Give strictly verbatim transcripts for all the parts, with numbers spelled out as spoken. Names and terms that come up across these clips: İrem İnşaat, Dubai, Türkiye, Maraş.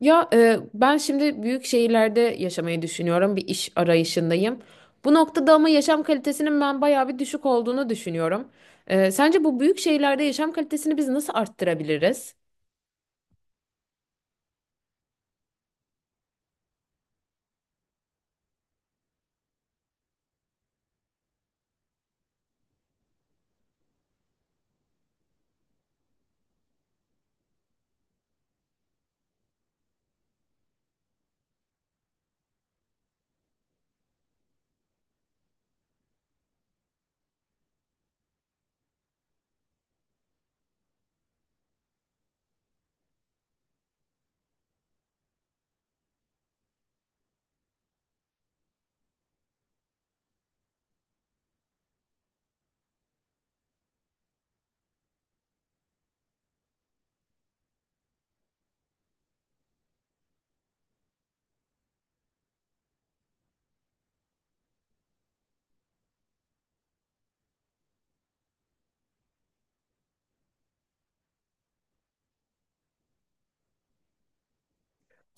Ya e, ben şimdi büyük şehirlerde yaşamayı düşünüyorum. Bir iş arayışındayım. Bu noktada ama yaşam kalitesinin ben bayağı bir düşük olduğunu düşünüyorum. E, sence bu büyük şehirlerde yaşam kalitesini biz nasıl arttırabiliriz?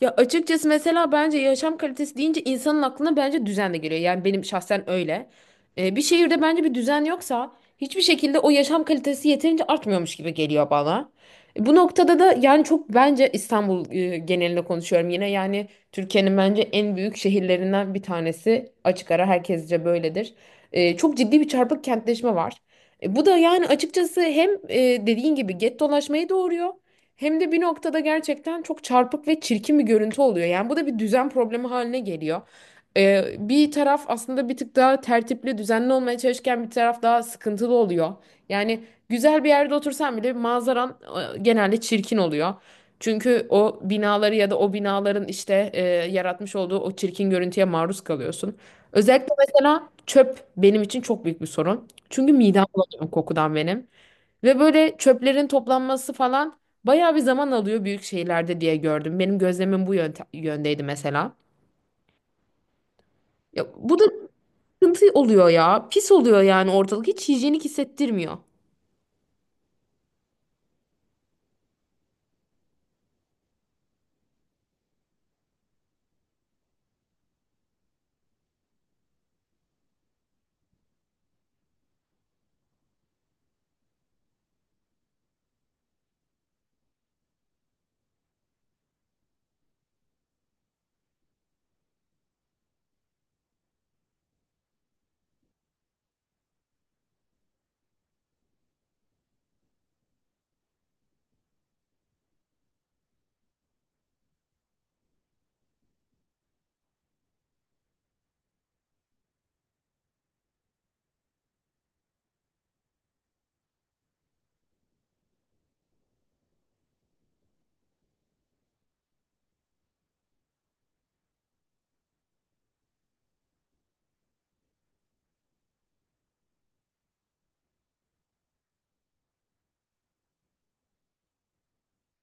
Ya açıkçası mesela bence yaşam kalitesi deyince insanın aklına bence düzen de geliyor. Yani benim şahsen öyle. Ee, bir şehirde bence bir düzen yoksa hiçbir şekilde o yaşam kalitesi yeterince artmıyormuş gibi geliyor bana. E, Bu noktada da yani çok bence İstanbul e, genelinde konuşuyorum yine. Yani Türkiye'nin bence en büyük şehirlerinden bir tanesi. Açık ara herkesce böyledir. E, çok ciddi bir çarpık kentleşme var. E, bu da yani açıkçası hem e, dediğin gibi get dolaşmayı doğuruyor. Hem de bir noktada gerçekten çok çarpık ve çirkin bir görüntü oluyor. Yani bu da bir düzen problemi haline geliyor. Ee, bir taraf aslında bir tık daha tertipli, düzenli olmaya çalışırken bir taraf daha sıkıntılı oluyor. Yani güzel bir yerde otursan bile manzaran e, genelde çirkin oluyor. Çünkü o binaları ya da o binaların işte e, yaratmış olduğu o çirkin görüntüye maruz kalıyorsun. Özellikle mesela çöp benim için çok büyük bir sorun. Çünkü midem bulanıyor kokudan benim. Ve böyle çöplerin toplanması falan bayağı bir zaman alıyor büyük şehirlerde diye gördüm. Benim gözlemim bu yönte- yöndeydi mesela. Ya, bu da sıkıntı oluyor ya. Pis oluyor yani ortalık. Hiç hijyenik hissettirmiyor.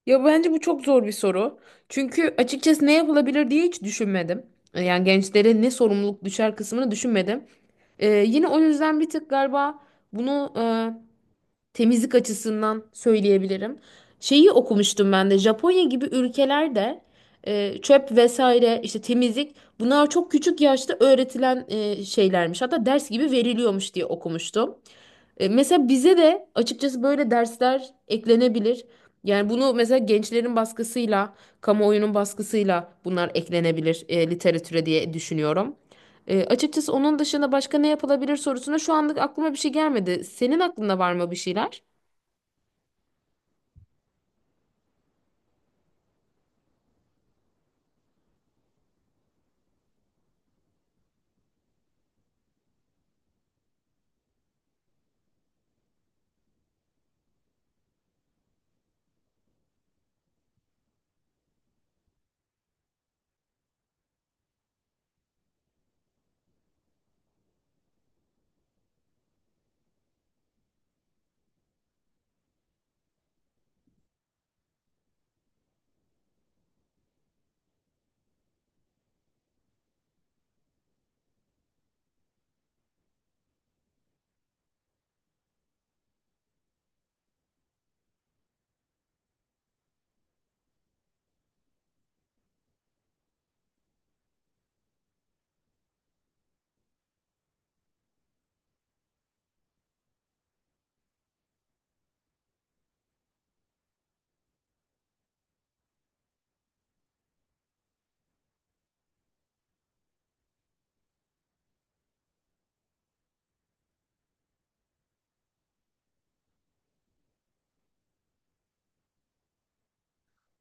Ya bence bu çok zor bir soru. Çünkü açıkçası ne yapılabilir diye hiç düşünmedim. Yani gençlere ne sorumluluk düşer kısmını düşünmedim. Ee, yine o yüzden bir tık galiba bunu temizlik açısından söyleyebilirim. Şeyi okumuştum ben de Japonya gibi ülkelerde e, çöp vesaire işte temizlik bunlar çok küçük yaşta öğretilen e, şeylermiş. Hatta ders gibi veriliyormuş diye okumuştum. E, mesela bize de açıkçası böyle dersler eklenebilir. Yani bunu mesela gençlerin baskısıyla, kamuoyunun baskısıyla bunlar eklenebilir e, literatüre diye düşünüyorum. E, açıkçası onun dışında başka ne yapılabilir sorusuna şu anlık aklıma bir şey gelmedi. Senin aklında var mı bir şeyler?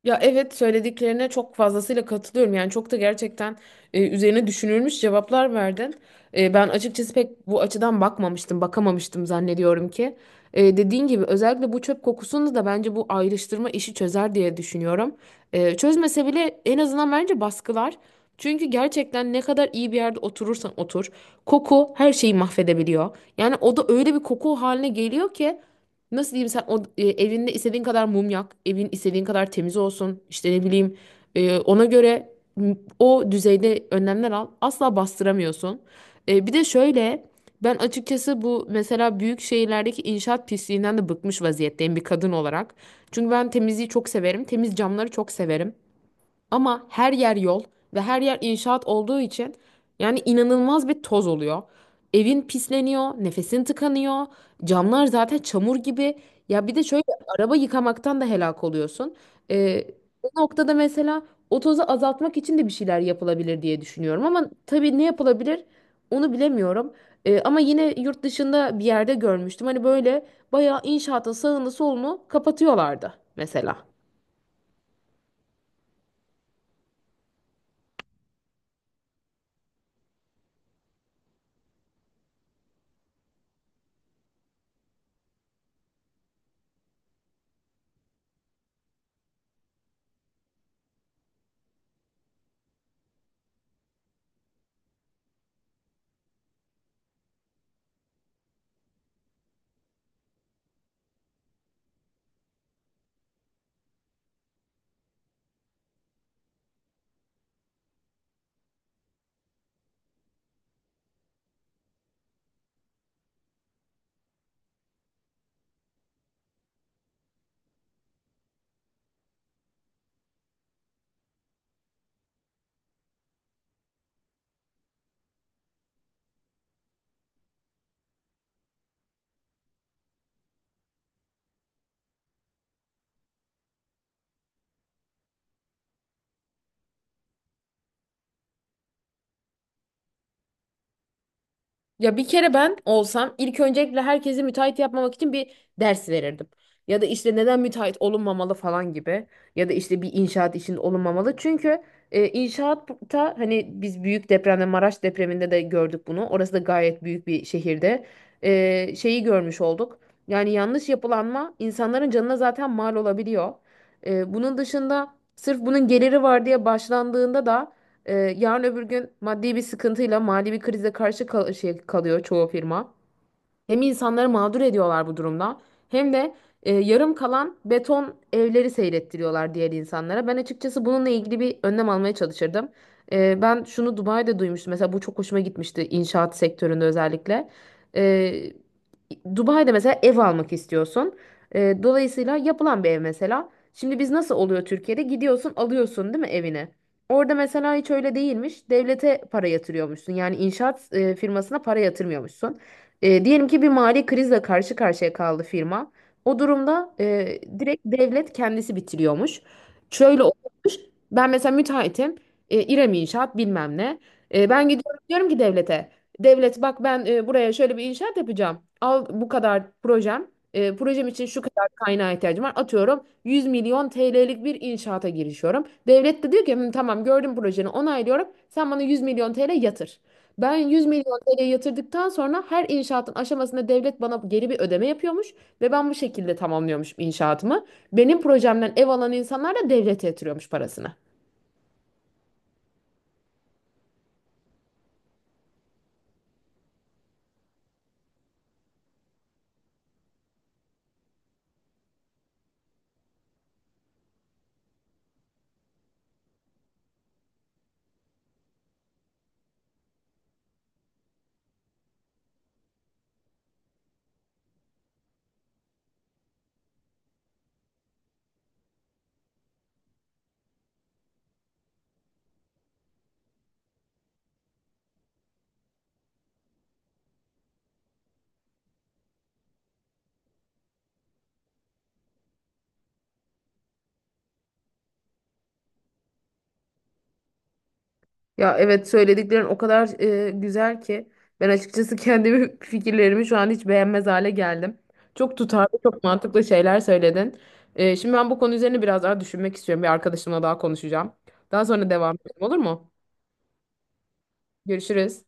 Ya evet, söylediklerine çok fazlasıyla katılıyorum. Yani çok da gerçekten e, üzerine düşünülmüş cevaplar verdin. E, ben açıkçası pek bu açıdan bakmamıştım, bakamamıştım zannediyorum ki. E, dediğin gibi özellikle bu çöp kokusunu da bence bu ayrıştırma işi çözer diye düşünüyorum. E, çözmese bile en azından bence baskılar. Çünkü gerçekten ne kadar iyi bir yerde oturursan otur, koku her şeyi mahvedebiliyor. Yani o da öyle bir koku haline geliyor ki nasıl diyeyim, sen o e, evinde istediğin kadar mum yak, evin istediğin kadar temiz olsun. İşte ne bileyim, e, ona göre m- o düzeyde önlemler al. Asla bastıramıyorsun. E, bir de şöyle, ben açıkçası bu mesela büyük şehirlerdeki inşaat pisliğinden de bıkmış vaziyetteyim bir kadın olarak. Çünkü ben temizliği çok severim. Temiz camları çok severim. Ama her yer yol ve her yer inşaat olduğu için yani inanılmaz bir toz oluyor. Evin pisleniyor, nefesin tıkanıyor, camlar zaten çamur gibi. Ya bir de şöyle, araba yıkamaktan da helak oluyorsun. Ee, Bu noktada mesela o tozu azaltmak için de bir şeyler yapılabilir diye düşünüyorum. Ama tabii ne yapılabilir onu bilemiyorum. Ee, ama yine yurt dışında bir yerde görmüştüm. Hani böyle bayağı inşaatın sağını solunu kapatıyorlardı mesela. Ya bir kere ben olsam ilk öncelikle herkesi müteahhit yapmamak için bir ders verirdim. Ya da işte neden müteahhit olunmamalı falan gibi. Ya da işte bir inşaat işinde olunmamalı. Çünkü e, inşaatta hani biz büyük depremde, Maraş depreminde de gördük bunu. Orası da gayet büyük bir şehirde. E, şeyi görmüş olduk. Yani yanlış yapılanma insanların canına zaten mal olabiliyor. E, bunun dışında sırf bunun geliri var diye başlandığında da ee, yarın öbür gün maddi bir sıkıntıyla mali bir krize karşı kal- şey kalıyor çoğu firma. Hem insanları mağdur ediyorlar bu durumda hem de e, yarım kalan beton evleri seyrettiriyorlar diğer insanlara. Ben açıkçası bununla ilgili bir önlem almaya çalışırdım. E, ben şunu Dubai'de duymuştum. Mesela bu çok hoşuma gitmişti inşaat sektöründe özellikle. E, Dubai'de mesela ev almak istiyorsun. E, dolayısıyla yapılan bir ev mesela. Şimdi biz nasıl oluyor Türkiye'de? Gidiyorsun alıyorsun değil mi evini? Orada mesela hiç öyle değilmiş. Devlete para yatırıyormuşsun. Yani inşaat e, firmasına para yatırmıyormuşsun. E, diyelim ki bir mali krizle karşı karşıya kaldı firma. O durumda e, direkt devlet kendisi bitiriyormuş. Şöyle olmuş. Ben mesela müteahhitim. E, İrem İnşaat bilmem ne. E, ben gidiyorum diyorum ki devlete. Devlet, bak ben, e, buraya şöyle bir inşaat yapacağım. Al bu kadar projem. E, projem için şu kadar kaynağa ihtiyacım var. Atıyorum yüz milyon T L'lik bir inşaata girişiyorum. Devlet de diyor ki "Hı, tamam, gördüm projeni, onaylıyorum. Sen bana yüz milyon T L yatır. Ben yüz milyon T L'ye yatırdıktan sonra her inşaatın aşamasında devlet bana geri bir ödeme yapıyormuş ve ben bu şekilde tamamlıyormuş inşaatımı. Benim projemden ev alan insanlar da devlete yatırıyormuş parasını. Ya evet, söylediklerin o kadar e, güzel ki ben açıkçası kendi fikirlerimi şu an hiç beğenmez hale geldim. Çok tutarlı, çok mantıklı şeyler söyledin. E, şimdi ben bu konu üzerine biraz daha düşünmek istiyorum. Bir arkadaşımla daha konuşacağım. Daha sonra devam edelim, olur mu? Görüşürüz.